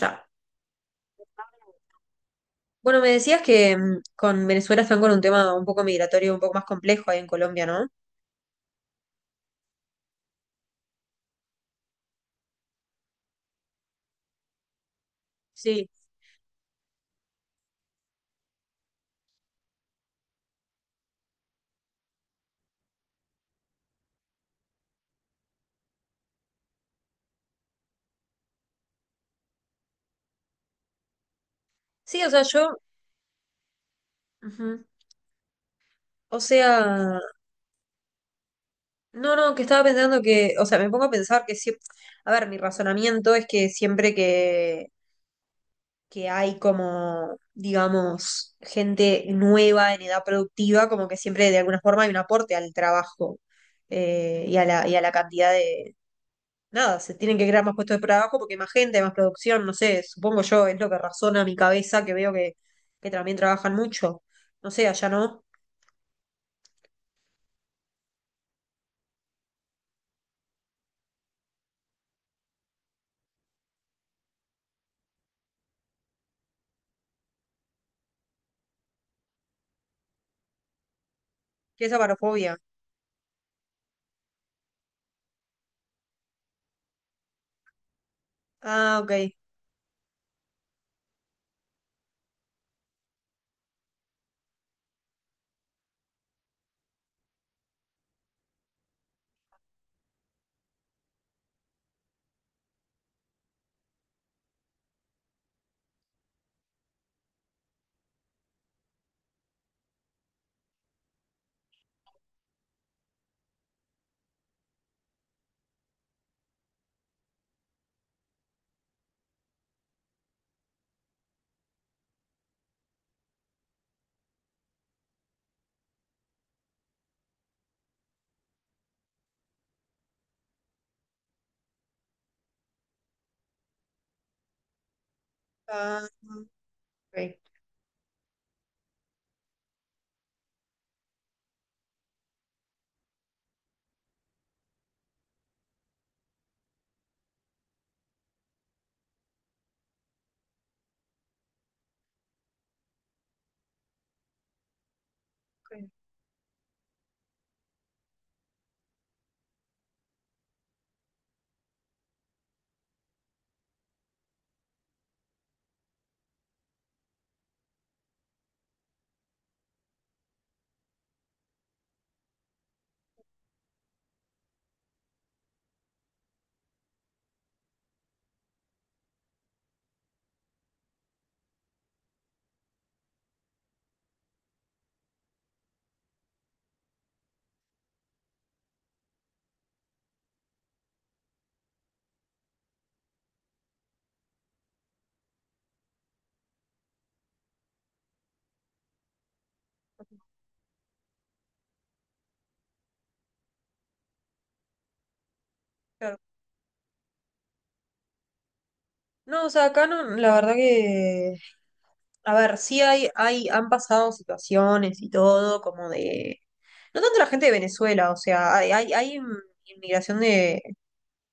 Ya. Bueno, me decías que con Venezuela están con un tema un poco migratorio, un poco más complejo ahí en Colombia, ¿no? Sí. Sí, o sea, yo, ujú. O sea, no, que estaba pensando que, o sea, me pongo a pensar que siempre, a ver, mi razonamiento es que siempre que hay como, digamos, gente nueva en edad productiva, como que siempre de alguna forma hay un aporte al trabajo, y a la cantidad de nada, se tienen que crear más puestos de trabajo porque hay más gente, hay más producción, no sé, supongo yo, es lo que razona mi cabeza, que veo que también trabajan mucho. No sé, allá no. ¿Qué es avarofobia? Ah, ok. Ah, ok, ok, claro. No, o sea, acá no, la verdad que, a ver, sí han pasado situaciones y todo, como de, no tanto la gente de Venezuela, o sea, hay inmigración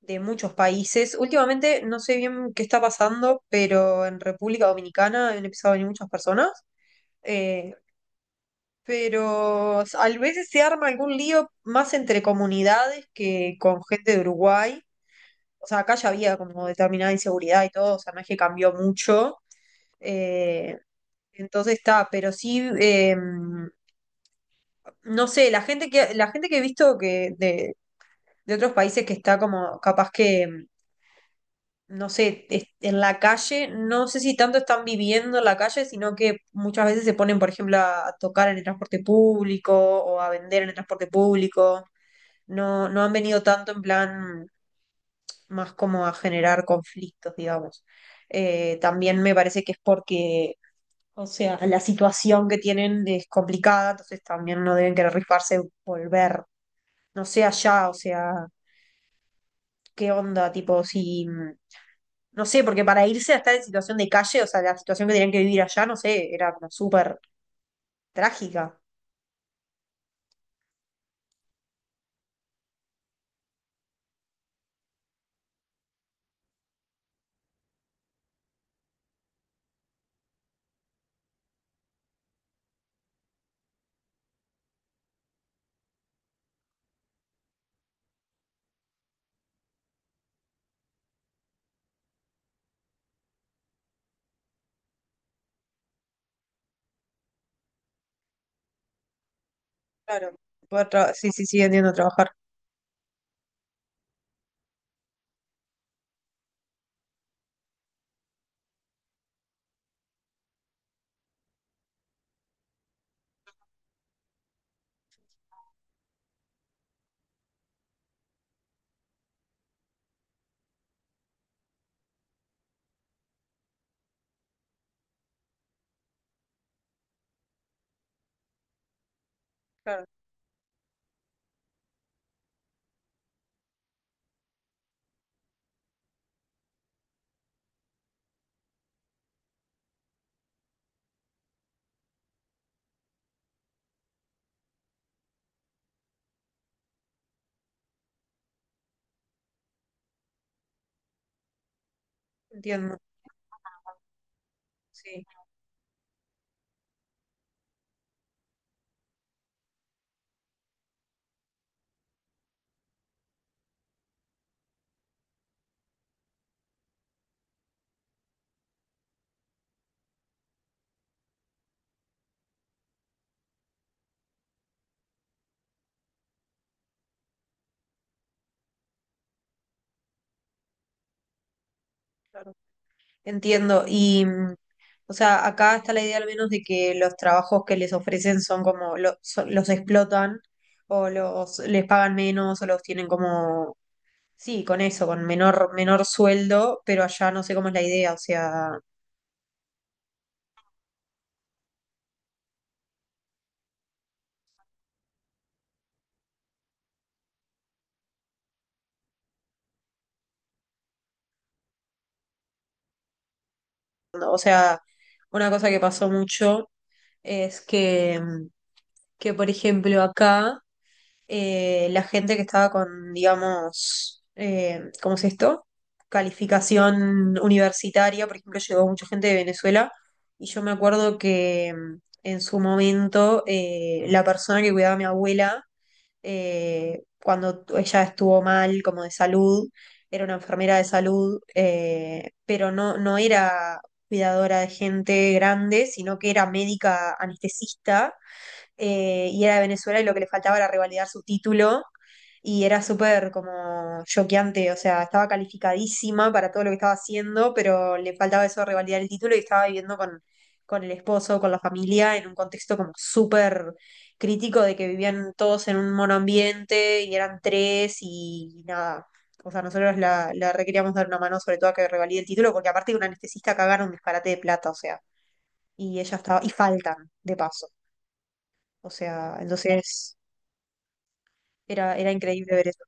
de muchos países. Últimamente no sé bien qué está pasando, pero en República Dominicana han empezado a venir muchas personas. eh, pero a veces se arma algún lío más entre comunidades que con gente de Uruguay. O sea, acá ya había como determinada inseguridad y todo, o sea, no es que cambió mucho. eh, entonces está, pero sí, no sé, la gente que he visto que de otros países que está como capaz que no sé, es- en la calle, no sé si tanto están viviendo en la calle, sino que muchas veces se ponen, por ejemplo, a tocar en el transporte público o a vender en el transporte público. No, no han venido tanto en plan más como a generar conflictos, digamos. También me parece que es porque, o sea, la situación que tienen es complicada, entonces también no deben querer rifarse volver. No sé allá, o sea, qué onda, tipo, si, no sé, porque para irse a estar en situación de calle, o sea, la situación que tenían que vivir allá, no sé, era como súper trágica. Claro. Poder tra- sí, sí, sí, entiendo trabajar. Claro. Entiendo, sí, claro. Entiendo. Y, o sea, acá está la idea al menos de que los trabajos que les ofrecen son como, lo- son- los explotan o los les pagan menos o los tienen como, sí, con eso, con menor sueldo, pero allá no sé cómo es la idea, o sea, o sea, una cosa que pasó mucho es que por ejemplo, acá la gente que estaba con, digamos, ¿cómo es esto? Calificación universitaria, por ejemplo, llegó mucha gente de Venezuela y yo me acuerdo que en su momento la persona que cuidaba a mi abuela cuando ella estuvo mal, como de salud, era una enfermera de salud, pero no, no era cuidadora de gente grande, sino que era médica anestesista, y era de Venezuela y lo que le faltaba era revalidar su título, y era súper como choqueante, o sea, estaba calificadísima para todo lo que estaba haciendo, pero le faltaba eso de revalidar el título y estaba viviendo con el esposo, con la familia, en un contexto como súper crítico de que vivían todos en un monoambiente y eran tres y nada. O sea, nosotros la requeríamos dar una mano sobre todo a que revalide el título, porque aparte de un anestesista cagaron un disparate de plata, o sea, y ella estaba, y faltan, de paso. O sea, entonces era increíble ver eso.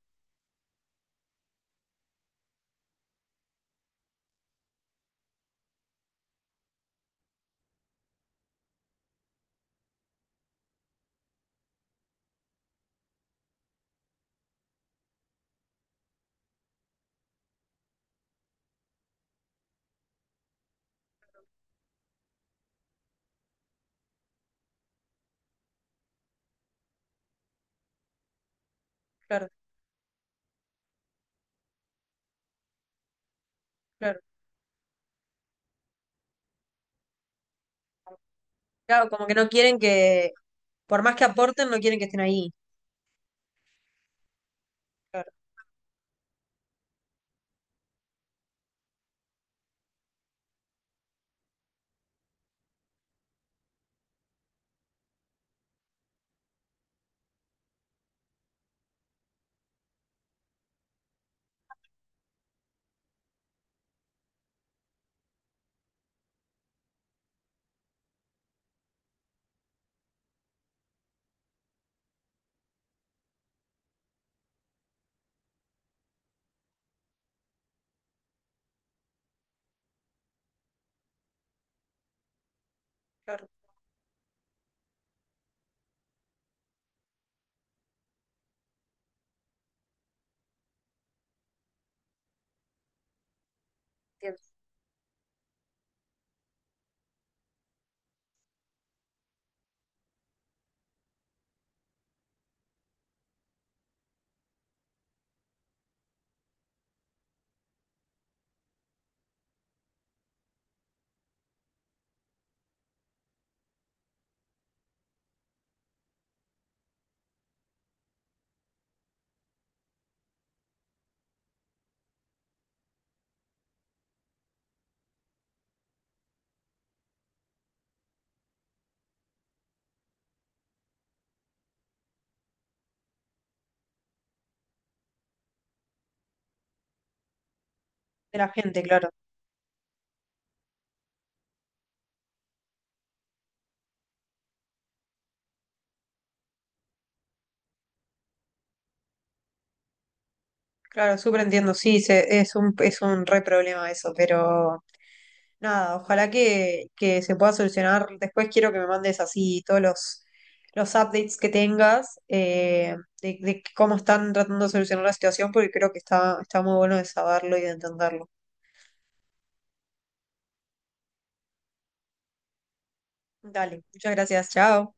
Claro, claro. Claro, como que no quieren que, por más que aporten, no quieren que estén ahí. Claro, claro. Entiendo. De la gente, claro. Claro, súper entiendo. Sí, se- es un re problema eso, pero nada, ojalá que se pueda solucionar. Después quiero que me mandes así todos los updates que tengas de cómo están tratando de solucionar la situación, porque creo que está, está muy bueno de saberlo y de entenderlo. Dale, muchas gracias, chao.